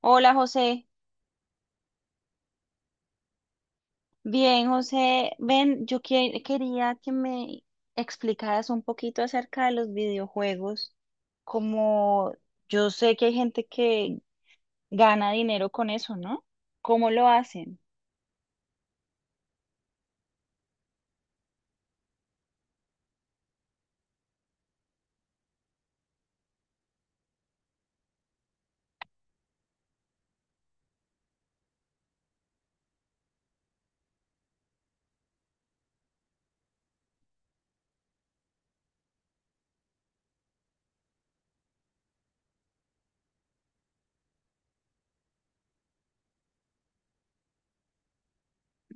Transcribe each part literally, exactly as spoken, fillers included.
Hola José, bien José, ven, yo que- quería que me explicaras un poquito acerca de los videojuegos, como yo sé que hay gente que gana dinero con eso, ¿no? ¿Cómo lo hacen?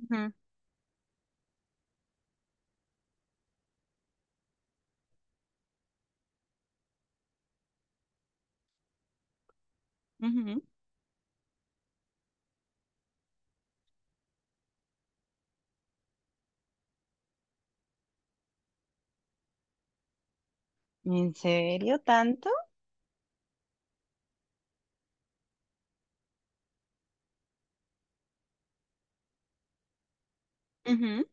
Ujú. Ujú. ¿En serio tanto? Ujú.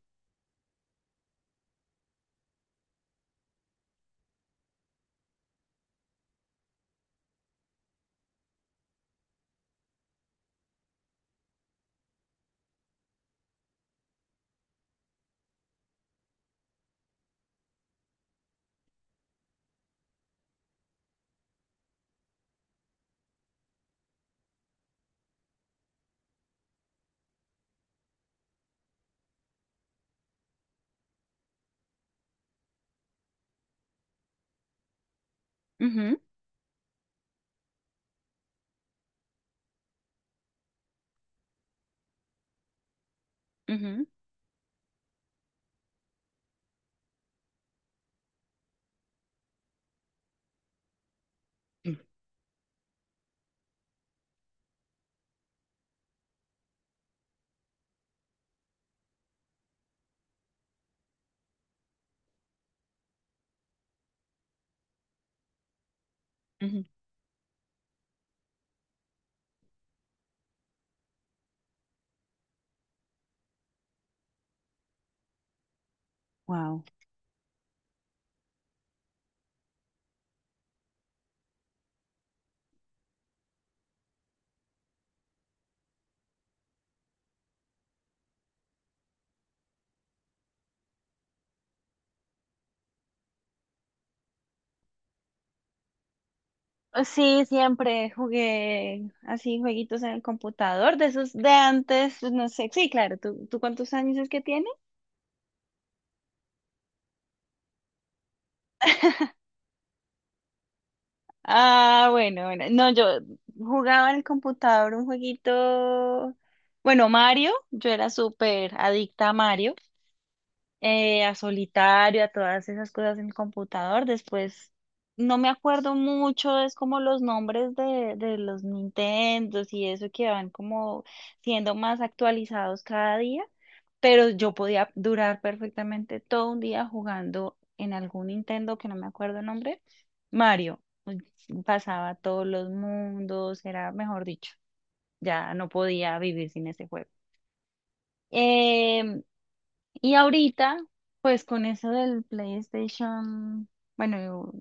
Ujú. Ujú. Wow. Sí, siempre jugué así jueguitos en el computador, de esos de antes, pues, no sé, sí, claro, ¿tú, tú cuántos años es que tienes? Ah, bueno, bueno, no, yo jugaba en el computador un jueguito, bueno, Mario, yo era súper adicta a Mario. Eh, a solitario, a todas esas cosas en el computador. Después, no me acuerdo mucho, es como los nombres de, de los Nintendos y eso que van como siendo más actualizados cada día, pero yo podía durar perfectamente todo un día jugando en algún Nintendo que no me acuerdo el nombre, Mario. Pues, pasaba todos los mundos, era mejor dicho, ya no podía vivir sin ese juego. Em, y ahorita, pues con eso del PlayStation, bueno, yo-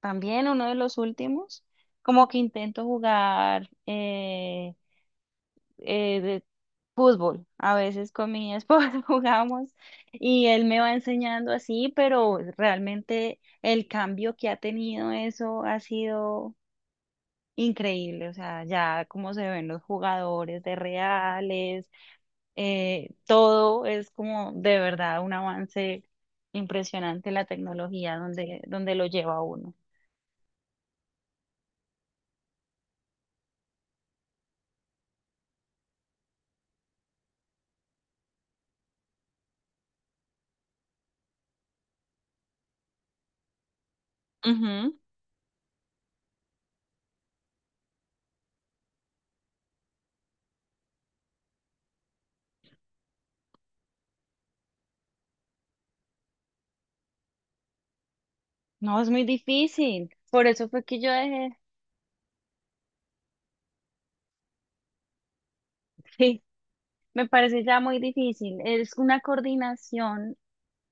también uno de los últimos, como que intento jugar eh, eh, de fútbol. A veces con mi esposo jugamos y él me va enseñando así, pero realmente el cambio que ha tenido eso ha sido increíble. O sea, ya como se ven los jugadores de reales, eh, todo es como de verdad un avance impresionante la tecnología donde, donde lo lleva a uno. Ujú. No, es muy difícil. Por eso fue que yo dejé. Sí, me parece ya muy difícil. Es una coordinación.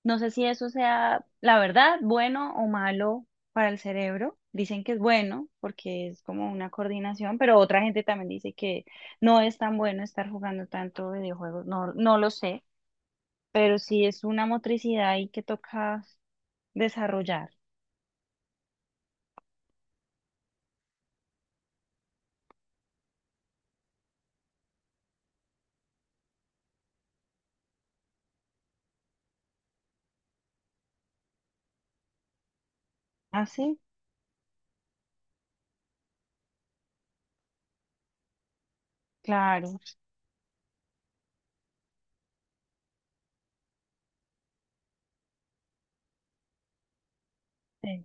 No sé si eso sea, la verdad, bueno o malo para el cerebro. Dicen que es bueno porque es como una coordinación, pero otra gente también dice que no es tan bueno estar jugando tanto videojuegos. No, no lo sé. Pero sí es una motricidad ahí que toca desarrollar. ¿Ah, sí? Claro, sí.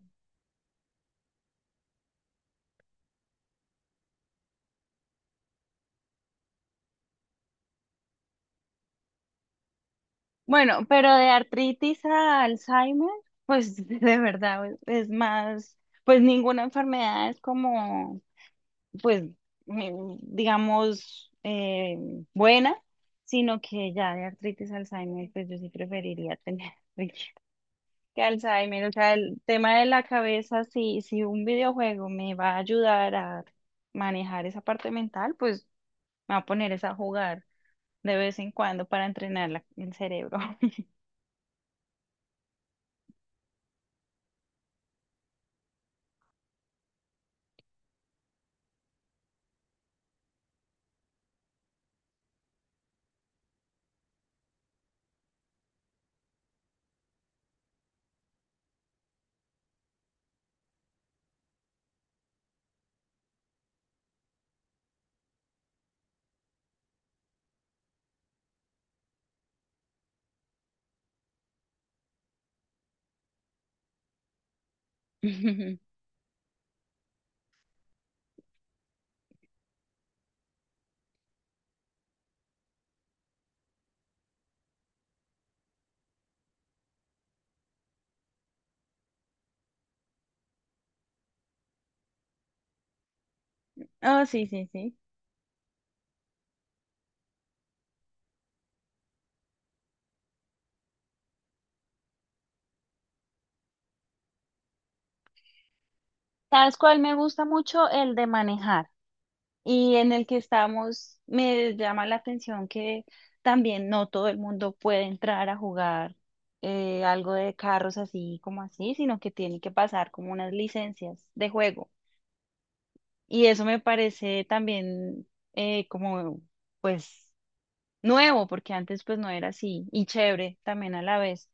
Bueno, pero de artritis a Alzheimer, pues de verdad es más, pues ninguna enfermedad es como, pues, mm, digamos, eh, buena, sino que ya de artritis a Alzheimer, pues yo sí preferiría tener. Que Alzheimer, o sea, el tema de la cabeza, si, si un videojuego me va a ayudar a manejar esa parte mental, pues me va a poner esa a jugar de vez en cuando para entrenar la- el cerebro. Oh, sí, sí, sí. ¿Sabes cuál me gusta mucho? El de manejar. Y en el que estamos, me llama la atención que también no todo el mundo puede entrar a jugar, eh, algo de carros así como así, sino que tiene que pasar como unas licencias de juego. Y eso me parece también, eh, como, pues, nuevo, porque antes pues no era así, y chévere también a la vez.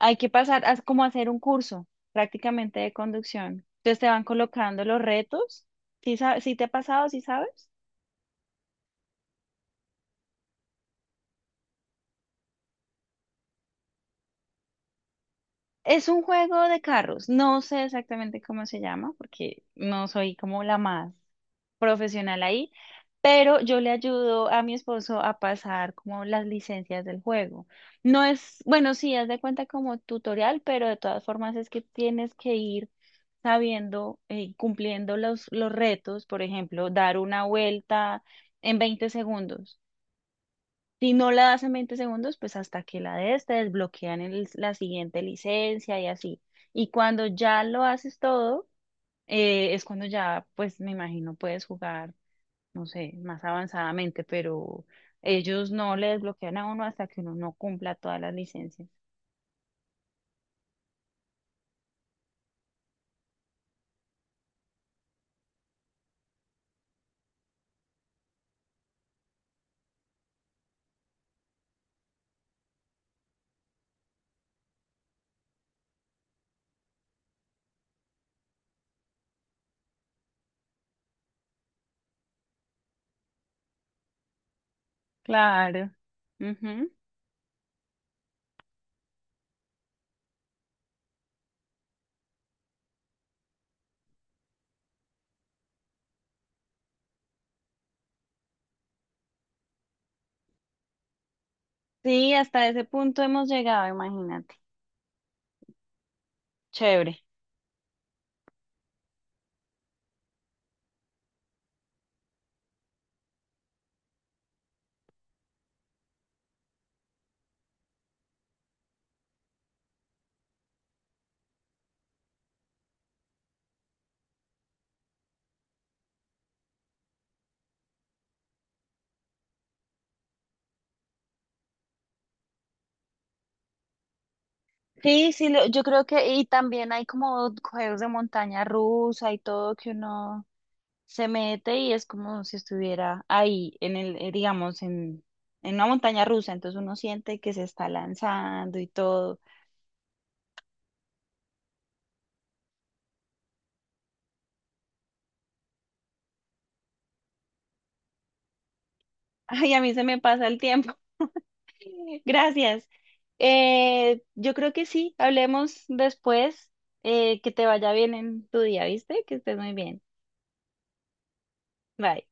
Hay que pasar a como hacer un curso prácticamente de conducción. Entonces te van colocando los retos. ¿Sí, sa- sí te ha pasado? ¿Sí sabes? Es un juego de carros. No sé exactamente cómo se llama porque no soy como la más profesional ahí, pero yo le ayudo a mi esposo a pasar como las licencias del juego. No es, bueno, sí, haz de cuenta como tutorial, pero de todas formas es que tienes que ir sabiendo y cumpliendo los, los retos, por ejemplo, dar una vuelta en veinte segundos. Si no la das en veinte segundos, pues hasta que la des, te desbloquean el- la siguiente licencia y así. Y cuando ya lo haces todo, eh, es cuando ya, pues me imagino, puedes jugar, no sé, más avanzadamente, pero ellos no le desbloquean a uno hasta que uno no cumpla todas las licencias. Claro. Ujú. Sí, hasta ese punto hemos llegado, imagínate. Chévere. Sí, sí, lo- yo creo que, y también hay como juegos de montaña rusa y todo que uno se mete y es como si estuviera ahí en el, eh, digamos, en, en una montaña rusa, entonces uno siente que se está lanzando y todo. Ay, a mí se me pasa el tiempo. Gracias. Eh, yo creo que sí, hablemos después. Eh, que te vaya bien en tu día, ¿viste? Que estés muy bien. Bye.